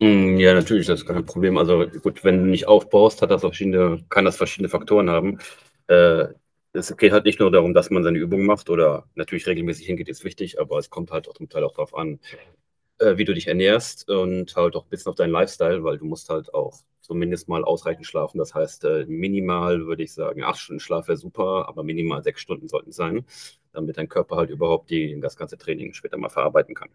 Hm, ja, natürlich, das ist kein Problem. Also, gut, wenn du nicht aufbaust, hat das verschiedene kann das verschiedene Faktoren haben. Äh, Es geht halt nicht nur darum, dass man seine Übungen macht oder natürlich regelmäßig hingeht, ist wichtig, aber es kommt halt auch zum Teil auch drauf an, wie du dich ernährst und halt auch 'n bisschen auf deinen Lifestyle, weil du musst halt auch zumindest mal ausreichend schlafen. Das heißt, minimal würde ich sagen, 8 Stunden Schlaf wäre super, aber minimal 6 Stunden sollten es sein, damit dein Körper halt überhaupt die das ganze Training später mal verarbeiten kann.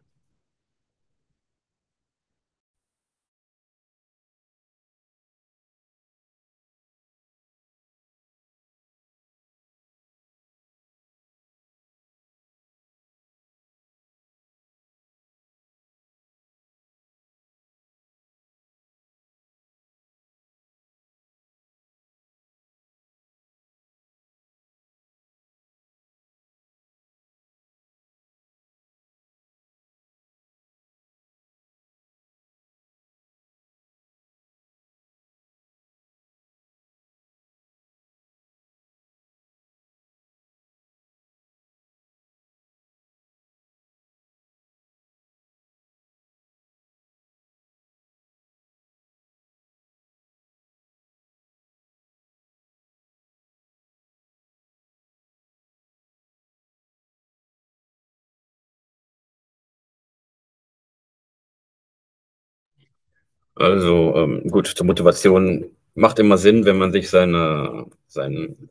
Also, gut, zur Motivation macht immer Sinn, wenn man sich seinen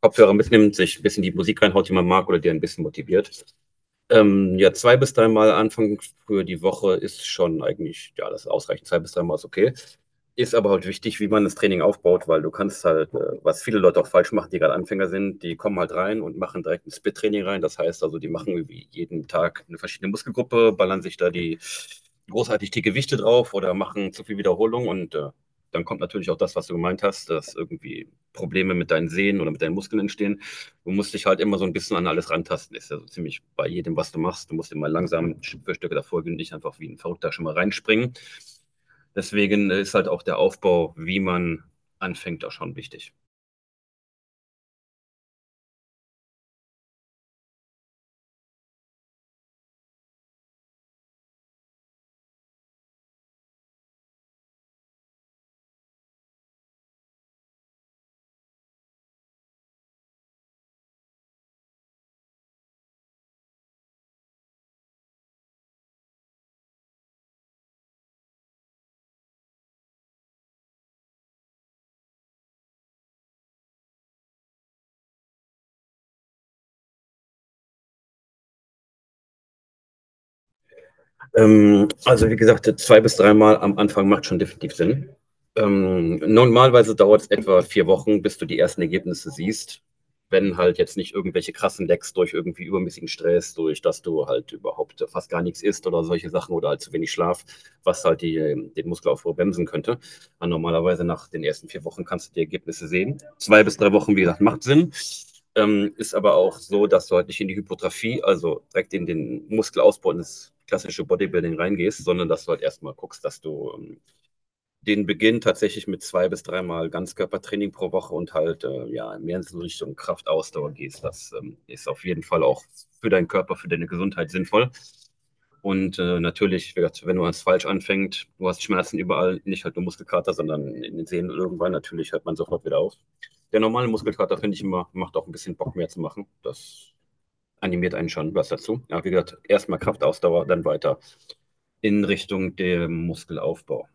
Kopfhörer mitnimmt, sich ein bisschen die Musik reinhaut, die man mag oder die ein bisschen motiviert. Ja, zwei bis dreimal Anfang für die Woche ist schon eigentlich, ja, das ist ausreichend. Zwei bis dreimal ist okay. Ist aber halt wichtig, wie man das Training aufbaut, weil du kannst halt, was viele Leute auch falsch machen, die gerade Anfänger sind, die kommen halt rein und machen direkt ein Split-Training rein. Das heißt also, die machen irgendwie jeden Tag eine verschiedene Muskelgruppe, ballern sich da die großartig die Gewichte drauf oder machen zu viel Wiederholung und dann kommt natürlich auch das, was du gemeint hast, dass irgendwie Probleme mit deinen Sehnen oder mit deinen Muskeln entstehen. Du musst dich halt immer so ein bisschen an alles rantasten. Ist ja so ziemlich bei jedem, was du machst. Du musst immer langsam Stück für Stück davor gehen, nicht einfach wie ein Verrückter schon mal reinspringen. Deswegen ist halt auch der Aufbau, wie man anfängt, auch schon wichtig. Also wie gesagt, zwei bis dreimal am Anfang macht schon definitiv Sinn. Normalerweise dauert es etwa 4 Wochen, bis du die ersten Ergebnisse siehst, wenn halt jetzt nicht irgendwelche krassen Lecks durch irgendwie übermäßigen Stress, durch dass du halt überhaupt fast gar nichts isst oder solche Sachen oder halt zu wenig Schlaf, was halt den Muskelaufbau bremsen könnte. Aber normalerweise nach den ersten 4 Wochen kannst du die Ergebnisse sehen. Zwei bis drei Wochen, wie gesagt, macht Sinn. Ist aber auch so, dass du halt nicht in die Hypertrophie also direkt in den Muskelausbau ins klassische Bodybuilding reingehst, sondern dass du halt erstmal guckst, dass du den Beginn tatsächlich mit zwei bis dreimal Ganzkörpertraining pro Woche und halt ja mehr in so Richtung Kraftausdauer gehst. Das ist auf jeden Fall auch für deinen Körper, für deine Gesundheit sinnvoll. Und natürlich, wie gesagt, wenn du als falsch anfängst, du hast Schmerzen überall, nicht halt nur Muskelkater, sondern in den Sehnen irgendwann, natürlich hört man sofort wieder auf. Der normale Muskelkater, finde ich immer, macht auch ein bisschen Bock mehr zu machen. Das animiert einen schon was dazu. Ja, wie gesagt, erstmal Kraftausdauer, dann weiter in Richtung dem Muskelaufbau.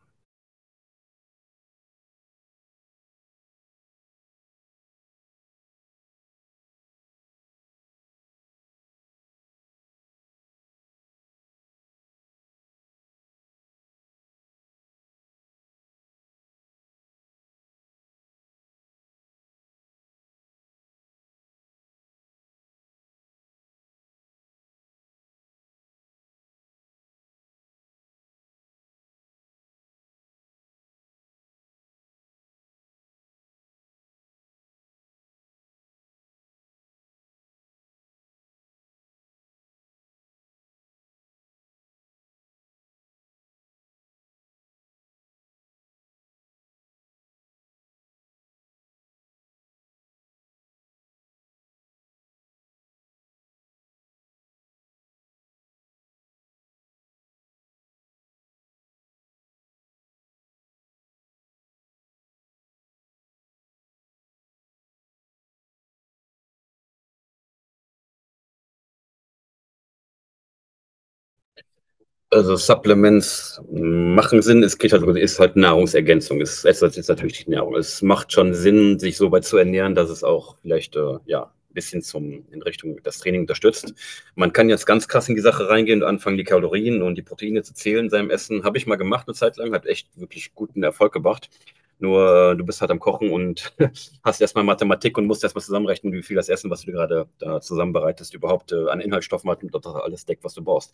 Also Supplements machen Sinn. Es geht halt, ist halt Nahrungsergänzung. Ist natürlich die Nahrung. Es macht schon Sinn, sich so weit zu ernähren, dass es auch vielleicht ja ein bisschen zum in Richtung das Training unterstützt. Man kann jetzt ganz krass in die Sache reingehen und anfangen, die Kalorien und die Proteine zu zählen in seinem Essen. Habe ich mal gemacht eine Zeit lang, hat echt wirklich guten Erfolg gebracht. Nur du bist halt am Kochen und hast erstmal Mathematik und musst erstmal zusammenrechnen, wie viel das Essen, was du dir gerade da zusammenbereitest, überhaupt an Inhaltsstoffen hat und ob das alles deckt, was du brauchst.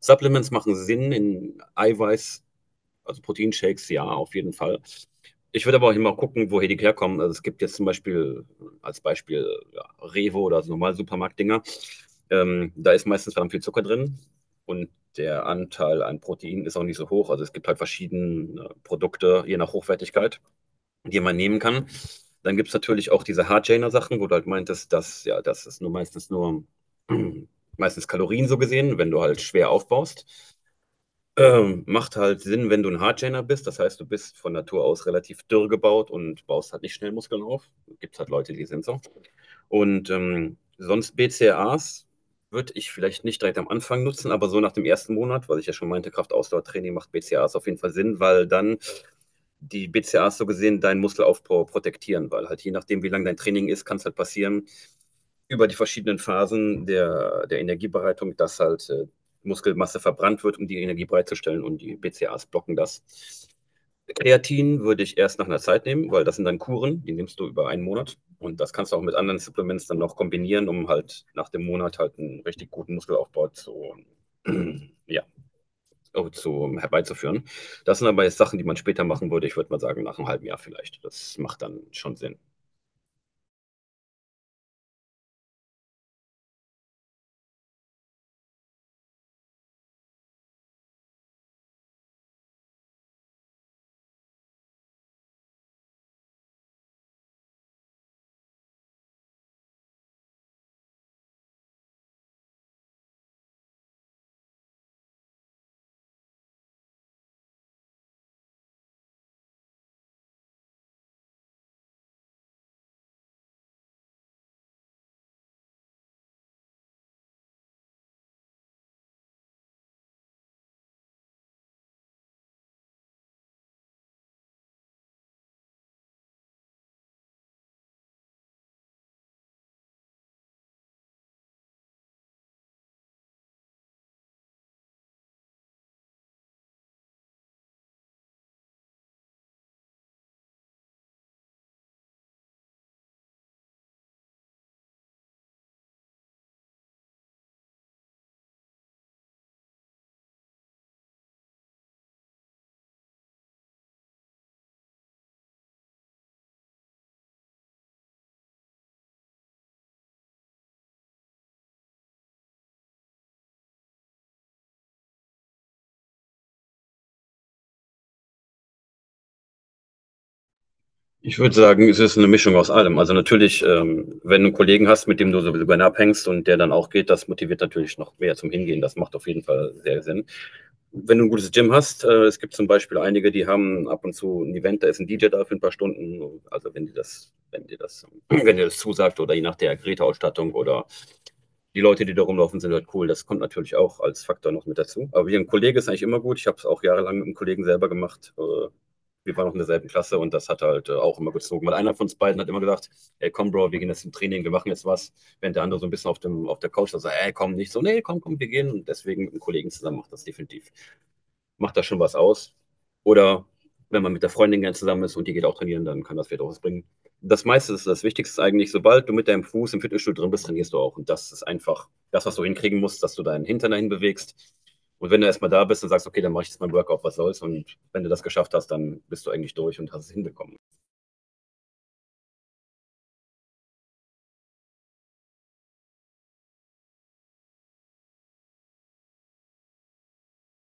Supplements machen Sinn in Eiweiß, also Proteinshakes, ja, auf jeden Fall. Ich würde aber auch immer gucken, woher die herkommen. Also es gibt jetzt zum Beispiel als Beispiel ja, Revo oder so normale Supermarktdinger. Da ist meistens verdammt viel Zucker drin und der Anteil an Protein ist auch nicht so hoch. Also es gibt halt verschiedene Produkte, je nach Hochwertigkeit, die man nehmen kann. Dann gibt es natürlich auch diese Hardgainer-Sachen, wo du halt meintest, dass ja, das ist nur meistens nur meistens Kalorien so gesehen, wenn du halt schwer aufbaust. Macht halt Sinn, wenn du ein Hardgainer bist. Das heißt, du bist von Natur aus relativ dürr gebaut und baust halt nicht schnell Muskeln auf. Gibt's halt Leute, die sind so. Und, sonst BCAAs würde ich vielleicht nicht direkt am Anfang nutzen, aber so nach dem ersten Monat, was ich ja schon meinte, Kraftausdauertraining macht BCAAs auf jeden Fall Sinn, weil dann die BCAAs so gesehen deinen Muskelaufbau protektieren, weil halt je nachdem, wie lang dein Training ist, kann es halt passieren, über die verschiedenen Phasen der Energiebereitung, dass halt Muskelmasse verbrannt wird, um die Energie bereitzustellen und die BCAAs blocken das. Kreatin würde ich erst nach einer Zeit nehmen, weil das sind dann Kuren, die nimmst du über einen Monat und das kannst du auch mit anderen Supplements dann noch kombinieren, um halt nach dem Monat halt einen richtig guten Muskelaufbau zu, ja, herbeizuführen. Das sind aber jetzt Sachen, die man später machen würde. Ich würde mal sagen, nach einem halben Jahr vielleicht. Das macht dann schon Sinn. Ich würde sagen, es ist eine Mischung aus allem. Also natürlich, wenn du einen Kollegen hast, mit dem du so gerne abhängst und der dann auch geht, das motiviert natürlich noch mehr zum Hingehen. Das macht auf jeden Fall sehr Sinn. Wenn du ein gutes Gym hast, es gibt zum Beispiel einige, die haben ab und zu ein Event, da ist ein DJ da für ein paar Stunden. Also wenn dir das, wenn dir das, wenn dir das zusagt oder je nach der Geräteausstattung oder die Leute, die da rumlaufen, sind halt cool. Das kommt natürlich auch als Faktor noch mit dazu. Aber wie ein Kollege ist eigentlich immer gut. Ich habe es auch jahrelang mit einem Kollegen selber gemacht. Wir waren noch in derselben Klasse und das hat halt auch immer gezogen. Weil einer von uns beiden hat immer gesagt, ey, komm, Bro, wir gehen jetzt zum Training, wir machen jetzt was. Während der andere so ein bisschen auf der Couch sagt, ey, komm, nicht so, nee, komm, komm, wir gehen. Und deswegen mit einem Kollegen zusammen macht das schon was aus. Oder wenn man mit der Freundin gern zusammen ist und die geht auch trainieren, dann kann das vielleicht auch was bringen. Das meiste ist das Wichtigste eigentlich, sobald du mit deinem Fuß im Fitnessstudio drin bist, trainierst du auch. Und das ist einfach das, was du hinkriegen musst, dass du deinen Hintern dahin bewegst. Und wenn du erstmal da bist und sagst, okay, dann mache ich jetzt mein Workout, was soll's. Und wenn du das geschafft hast, dann bist du eigentlich durch und hast es hinbekommen.